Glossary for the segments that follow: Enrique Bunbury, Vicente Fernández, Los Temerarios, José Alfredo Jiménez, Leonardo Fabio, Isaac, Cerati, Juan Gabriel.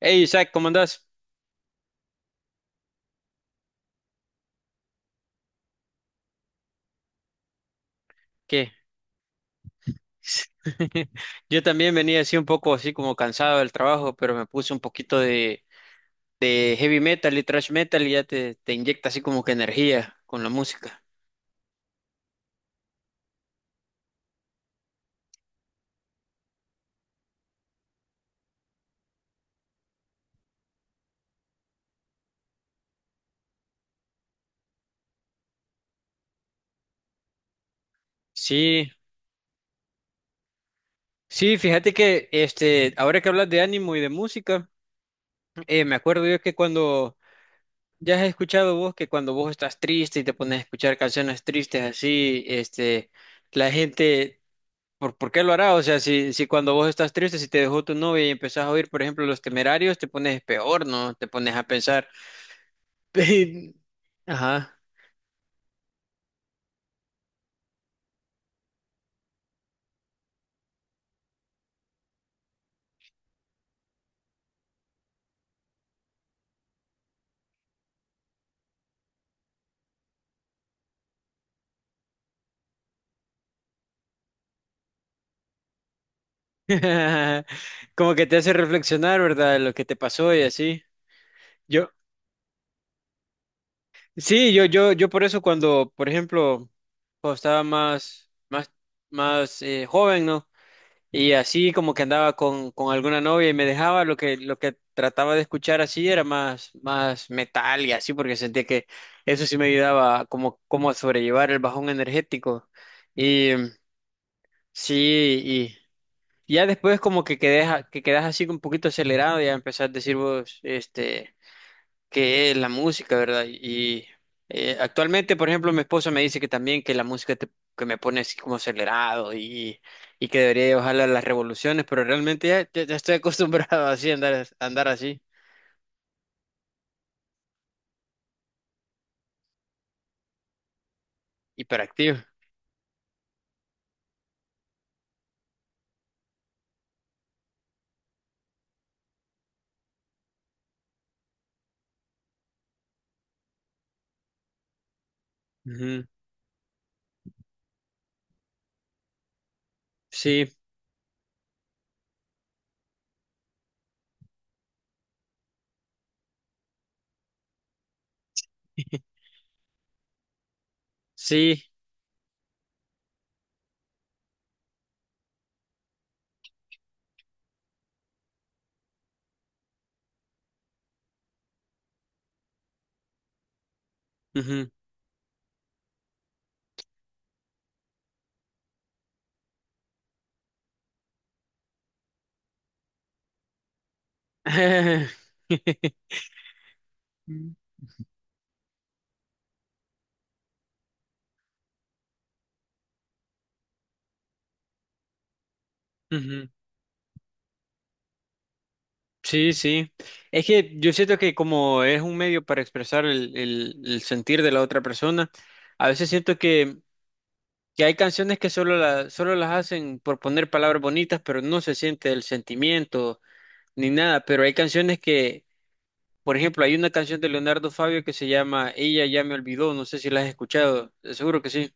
Hey Isaac, ¿cómo andás? ¿Qué? Yo también venía así un poco así como cansado del trabajo, pero me puse un poquito de heavy metal y thrash metal y ya te inyecta así como que energía con la música. Sí, sí, fíjate que este, ahora que hablas de ánimo y de música, me acuerdo yo que cuando ya has escuchado vos que cuando vos estás triste y te pones a escuchar canciones tristes así, este, la gente por qué lo hará? O sea, si cuando vos estás triste, si te dejó tu novia y empezás a oír, por ejemplo, Los Temerarios, te pones peor, ¿no? Te pones a pensar. Ajá. Como que te hace reflexionar, ¿verdad? Lo que te pasó y así. Yo, sí, yo por eso cuando, por ejemplo, cuando estaba más, más, más joven, ¿no? Y así como que andaba con alguna novia y me dejaba, lo que trataba de escuchar así era más, más metal y así, porque sentía que eso sí me ayudaba como, como a sobrellevar el bajón energético. Y sí, y ya después como que quedé, que quedas así un poquito acelerado, ya empezás a decir vos, este que es la música, ¿verdad? Y actualmente, por ejemplo, mi esposa me dice que también que la música que me pone así como acelerado y que debería bajarle las revoluciones, pero realmente ya, ya estoy acostumbrado así a andar así, hiperactivo. Ujú. Sí, sí. Ujú. Ujú. Sí, sí. Es que yo siento que como es un medio para expresar el, el sentir de la otra persona, a veces siento que hay canciones que solo, solo las hacen por poner palabras bonitas, pero no se siente el sentimiento ni nada, pero hay canciones que, por ejemplo, hay una canción de Leonardo Fabio que se llama Ella ya me olvidó, no sé si la has escuchado, seguro que sí.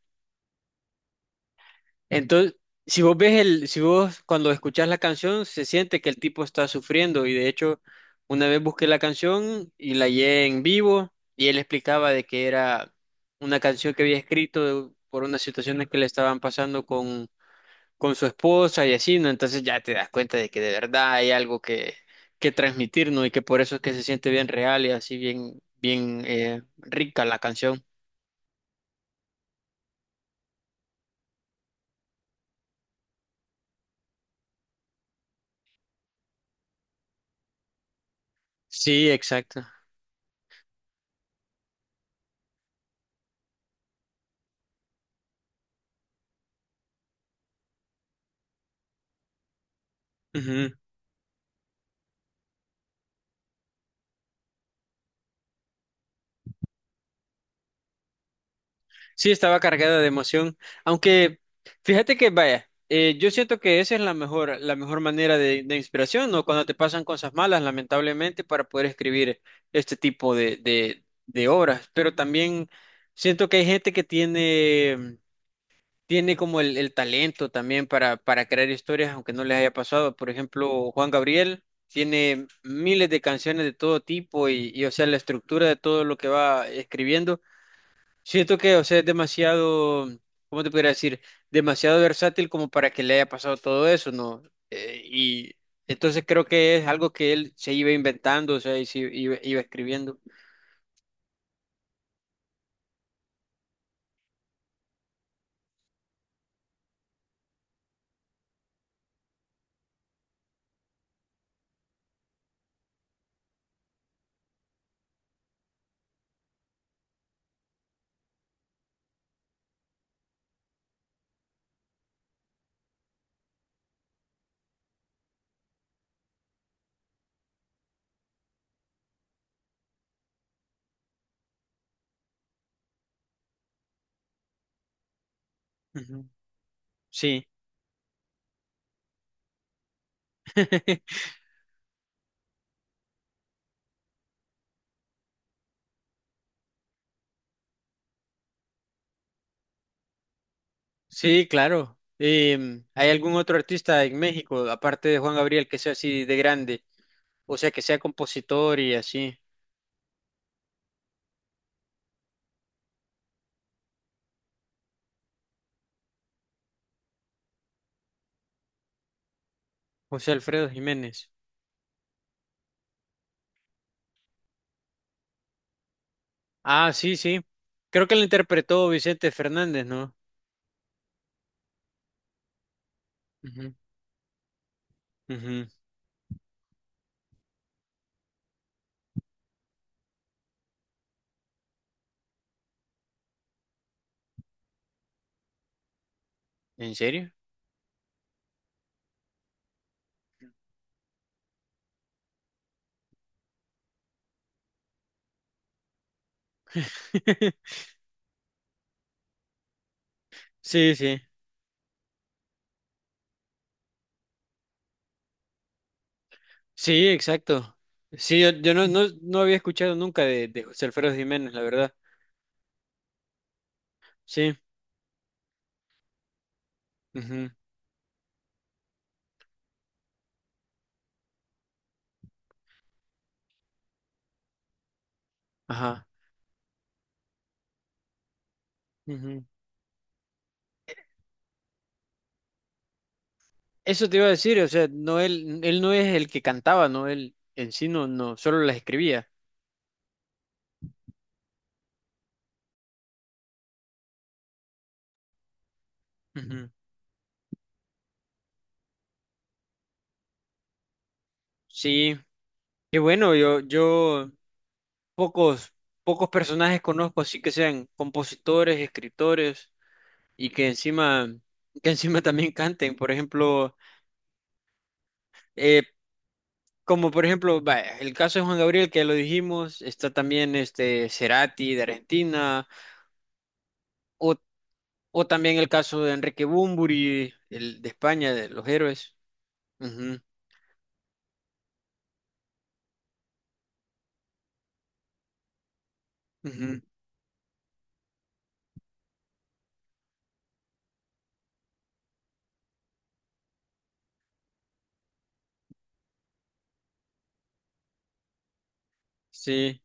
Entonces, si vos ves el, si vos cuando escuchás la canción se siente que el tipo está sufriendo y de hecho una vez busqué la canción y la hallé en vivo y él explicaba de que era una canción que había escrito por unas situaciones que le estaban pasando con su esposa y así, ¿no? Entonces ya te das cuenta de que de verdad hay algo que transmitir, ¿no? Y que por eso es que se siente bien real y así bien, bien rica la canción. Sí, exacto. Ujú. Sí, estaba cargada de emoción, aunque fíjate que vaya, yo siento que esa es la mejor manera de inspiración, ¿no? Cuando te pasan cosas malas, lamentablemente, para poder escribir este tipo de obras, pero también siento que hay gente que tiene tiene como el talento también para crear historias, aunque no les haya pasado. Por ejemplo, Juan Gabriel tiene miles de canciones de todo tipo y, o sea, la estructura de todo lo que va escribiendo. Siento que, o sea, es demasiado, ¿cómo te podría decir? Demasiado versátil como para que le haya pasado todo eso, ¿no? Y entonces creo que es algo que él se iba inventando, o sea, y se iba, iba escribiendo. Ujú. Sí. Sí, claro. ¿Hay algún otro artista en México, aparte de Juan Gabriel, que sea así de grande? O sea, que sea compositor y así. José Alfredo Jiménez. Ah, sí, sí. Creo que lo interpretó Vicente Fernández, ¿no? Ujú, ujú. ¿En serio? Sí, sí. Sí, exacto. Sí, yo, yo no había escuchado nunca de, de José Alfredo Jiménez, la verdad. Sí. Ujú. Ajá. Ujú. Eso te iba a decir, o sea, no él, él no es el que cantaba, no él en sí no, no, solo las escribía. Ujú. Sí, y bueno, yo pocos, pocos personajes conozco así que sean compositores, escritores y que encima también canten. Por ejemplo, eh, como por ejemplo, vaya, el caso de Juan Gabriel, que ya lo dijimos, está también este Cerati de Argentina, o, o también el caso de Enrique Bunbury, el de España, de los héroes. Ujú, ujú. Sí,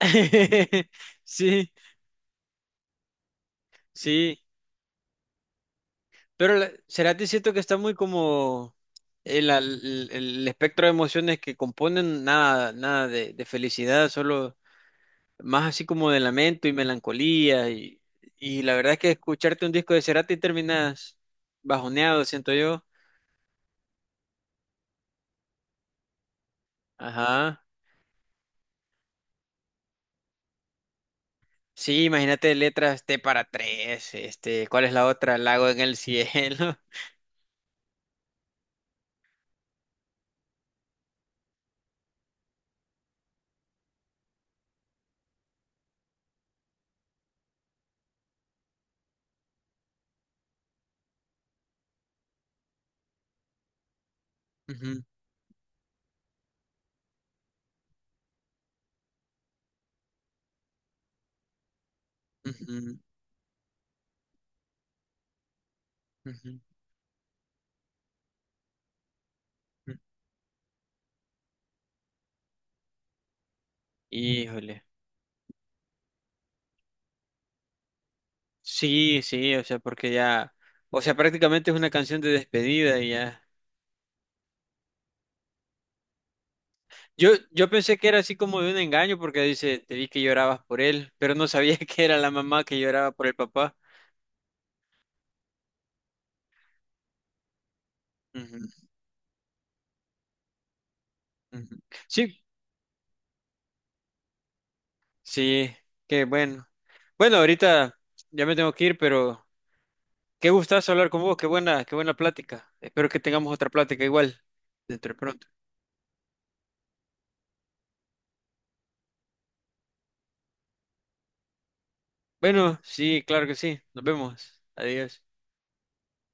sí, sí, pero Cerati siento que está muy como en el espectro de emociones que componen, nada, nada de, de felicidad, solo más así como de lamento y melancolía y la verdad es que escucharte un disco de Cerati terminas bajoneado, siento yo. Ajá. Sí, imagínate letras T para tres, este, ¿cuál es la otra? Lago en el cielo. Ujú, ujú, ujú, ujú. Híjole. Sí, sí, o sea, porque ya, o sea, prácticamente es una canción de despedida y ya. Yo pensé que era así como de un engaño porque dice, te vi que llorabas por él, pero no sabía que era la mamá que lloraba por el papá. Ujú, ujú. Sí, sí, qué bueno. Bueno, ahorita ya me tengo que ir, pero qué gustazo hablar con vos, qué buena plática. Espero que tengamos otra plática igual dentro de pronto. Bueno, sí, claro que sí. Nos vemos. Adiós.